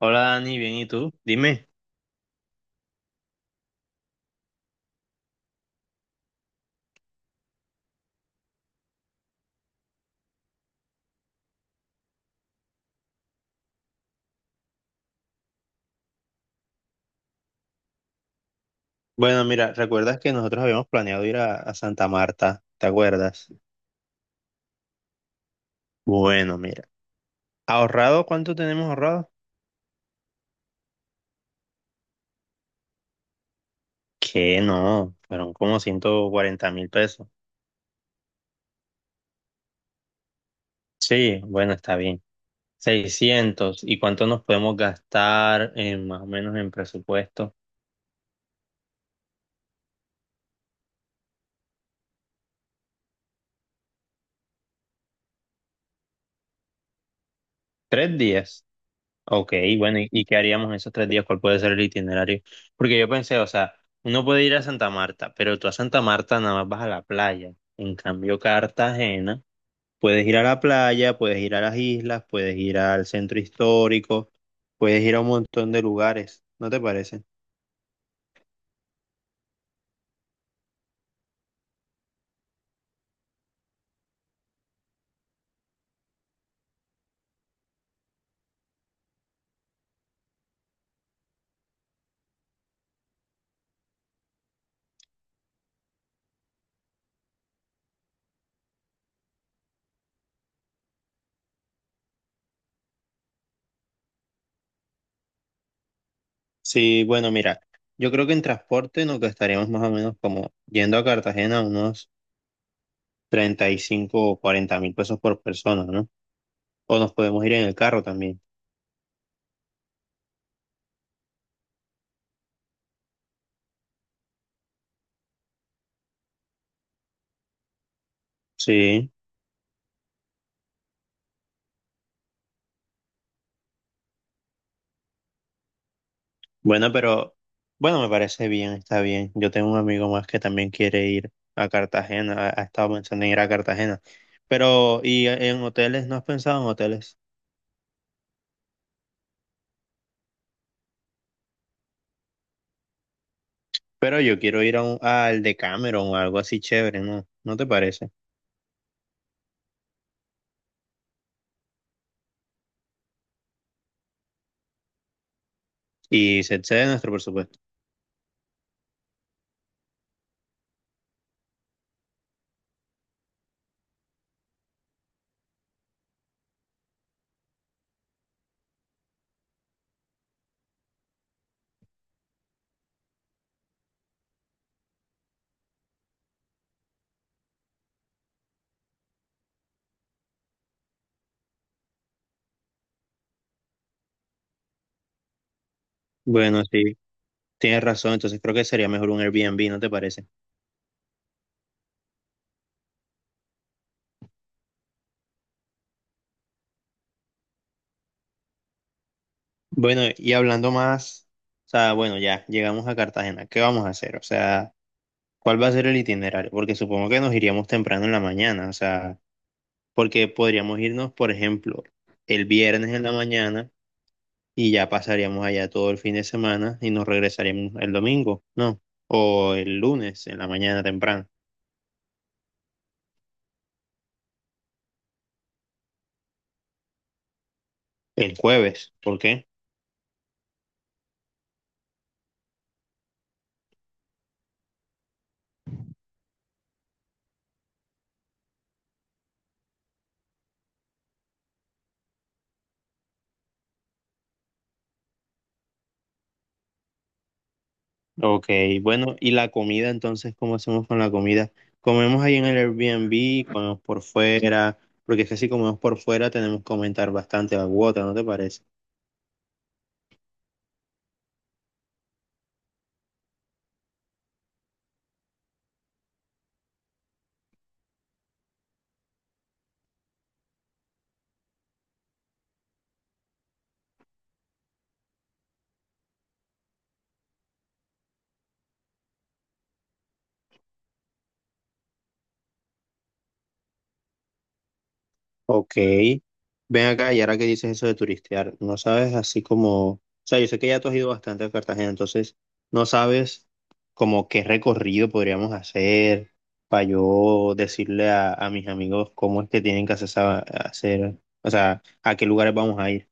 Hola Dani, bien, ¿y tú? Dime. Bueno, mira, ¿recuerdas que nosotros habíamos planeado ir a Santa Marta? ¿Te acuerdas? Bueno, mira. ¿Ahorrado? ¿Cuánto tenemos ahorrado? Que no, fueron como 140.000 pesos. Sí, bueno, está bien. 600. ¿Y cuánto nos podemos gastar en, más o menos en presupuesto? Tres días. Ok, bueno, ¿y qué haríamos en esos tres días? ¿Cuál puede ser el itinerario? Porque yo pensé, o sea, uno puede ir a Santa Marta, pero tú a Santa Marta nada más vas a la playa. En cambio, Cartagena, puedes ir a la playa, puedes ir a las islas, puedes ir al centro histórico, puedes ir a un montón de lugares, ¿no te parece? Sí, bueno, mira, yo creo que en transporte nos gastaríamos más o menos como yendo a Cartagena unos 35.000 o 40.000 pesos por persona, ¿no? O nos podemos ir en el carro también. Sí. Bueno, pero bueno, me parece bien, está bien. Yo tengo un amigo más que también quiere ir a Cartagena, ha estado pensando en ir a Cartagena. Pero, ¿y en hoteles? ¿No has pensado en hoteles? Pero yo quiero ir al Decameron o algo así chévere, ¿no? ¿No te parece? Y se excede nuestro presupuesto. Bueno, sí, tienes razón, entonces creo que sería mejor un Airbnb, ¿no te parece? Bueno, y hablando más, o sea, bueno, ya llegamos a Cartagena, ¿qué vamos a hacer? O sea, ¿cuál va a ser el itinerario? Porque supongo que nos iríamos temprano en la mañana, o sea, porque podríamos irnos, por ejemplo, el viernes en la mañana y ya pasaríamos allá todo el fin de semana y nos regresaríamos el domingo, ¿no? O el lunes en la mañana temprano, el jueves, ¿por qué? Ok, bueno, y la comida, entonces, ¿cómo hacemos con la comida? Comemos ahí en el Airbnb, comemos por fuera, porque es que si comemos por fuera tenemos que aumentar bastante la cuota, ¿no te parece? Ok, ven acá y ahora que dices eso de turistear, no sabes así como, o sea, yo sé que ya tú has ido bastante a Cartagena, entonces no sabes como qué recorrido podríamos hacer para yo decirle a mis amigos cómo es que tienen que hacer, hacer, o sea, a qué lugares vamos a ir.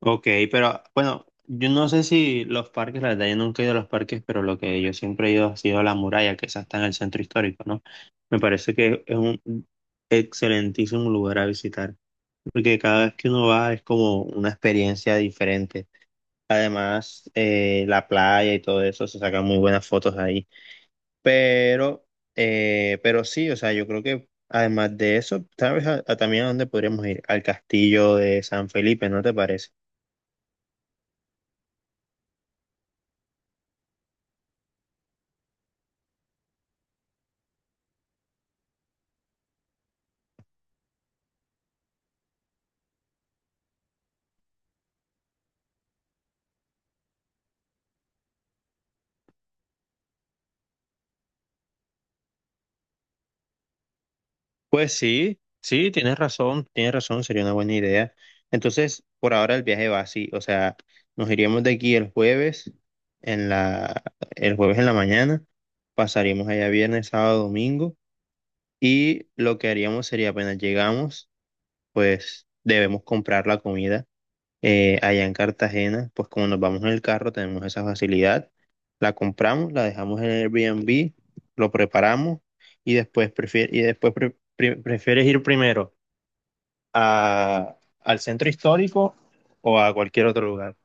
Ok, pero bueno, yo no sé si los parques, la verdad yo nunca he ido a los parques, pero lo que yo siempre he ido ha sido a la muralla, que esa está en el centro histórico, ¿no? Me parece que es un excelentísimo lugar a visitar, porque cada vez que uno va es como una experiencia diferente. Además, la playa y todo eso, se sacan muy buenas fotos ahí. Pero, pero sí, o sea, yo creo que además de eso, tal vez a también a dónde podríamos ir, al castillo de San Felipe, ¿no te parece? Pues sí, sí, tienes razón, sería una buena idea. Entonces, por ahora el viaje va así, o sea, nos iríamos de aquí el jueves en la, el jueves en la mañana, pasaríamos allá viernes, sábado, domingo. Y lo que haríamos sería apenas llegamos, pues debemos comprar la comida allá en Cartagena, pues como nos vamos en el carro tenemos esa facilidad, la compramos, la dejamos en el Airbnb, lo preparamos y después, prefieres ir primero al centro histórico o a cualquier otro lugar.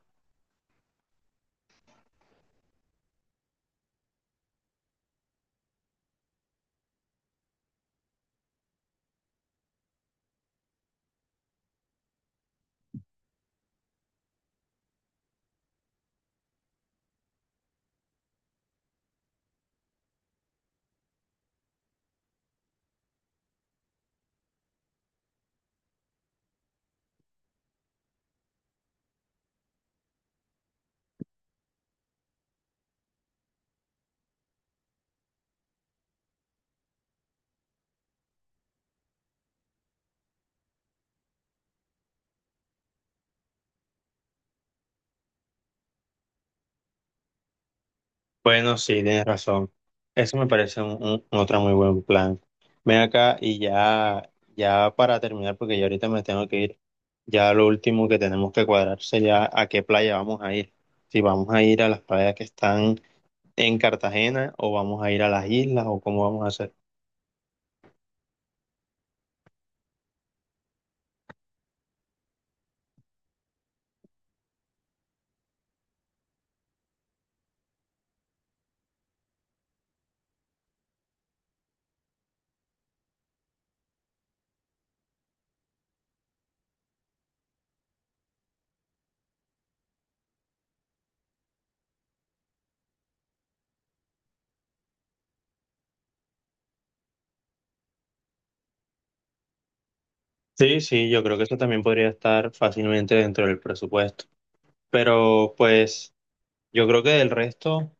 Bueno, sí, tienes razón. Eso me parece otro muy buen plan. Ven acá y ya, ya para terminar, porque ya ahorita me tengo que ir. Ya lo último que tenemos que cuadrar sería a qué playa vamos a ir. Si vamos a ir a las playas que están en Cartagena o vamos a ir a las islas o cómo vamos a hacer. Sí, sí, yo creo que eso también podría estar fácilmente dentro del presupuesto. Pero pues yo creo que del resto,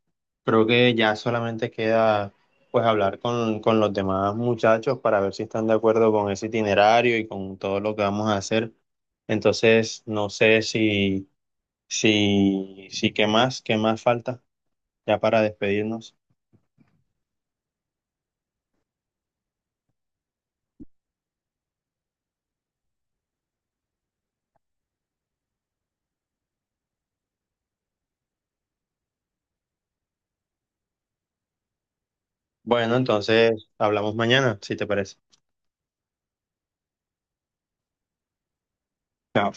creo que ya solamente queda pues hablar con los demás muchachos para ver si están de acuerdo con ese itinerario y con todo lo que vamos a hacer. Entonces, no sé si... Sí, sí, ¿qué más? ¿Qué más falta? Ya para despedirnos. Bueno, entonces hablamos mañana, si te parece. Chao.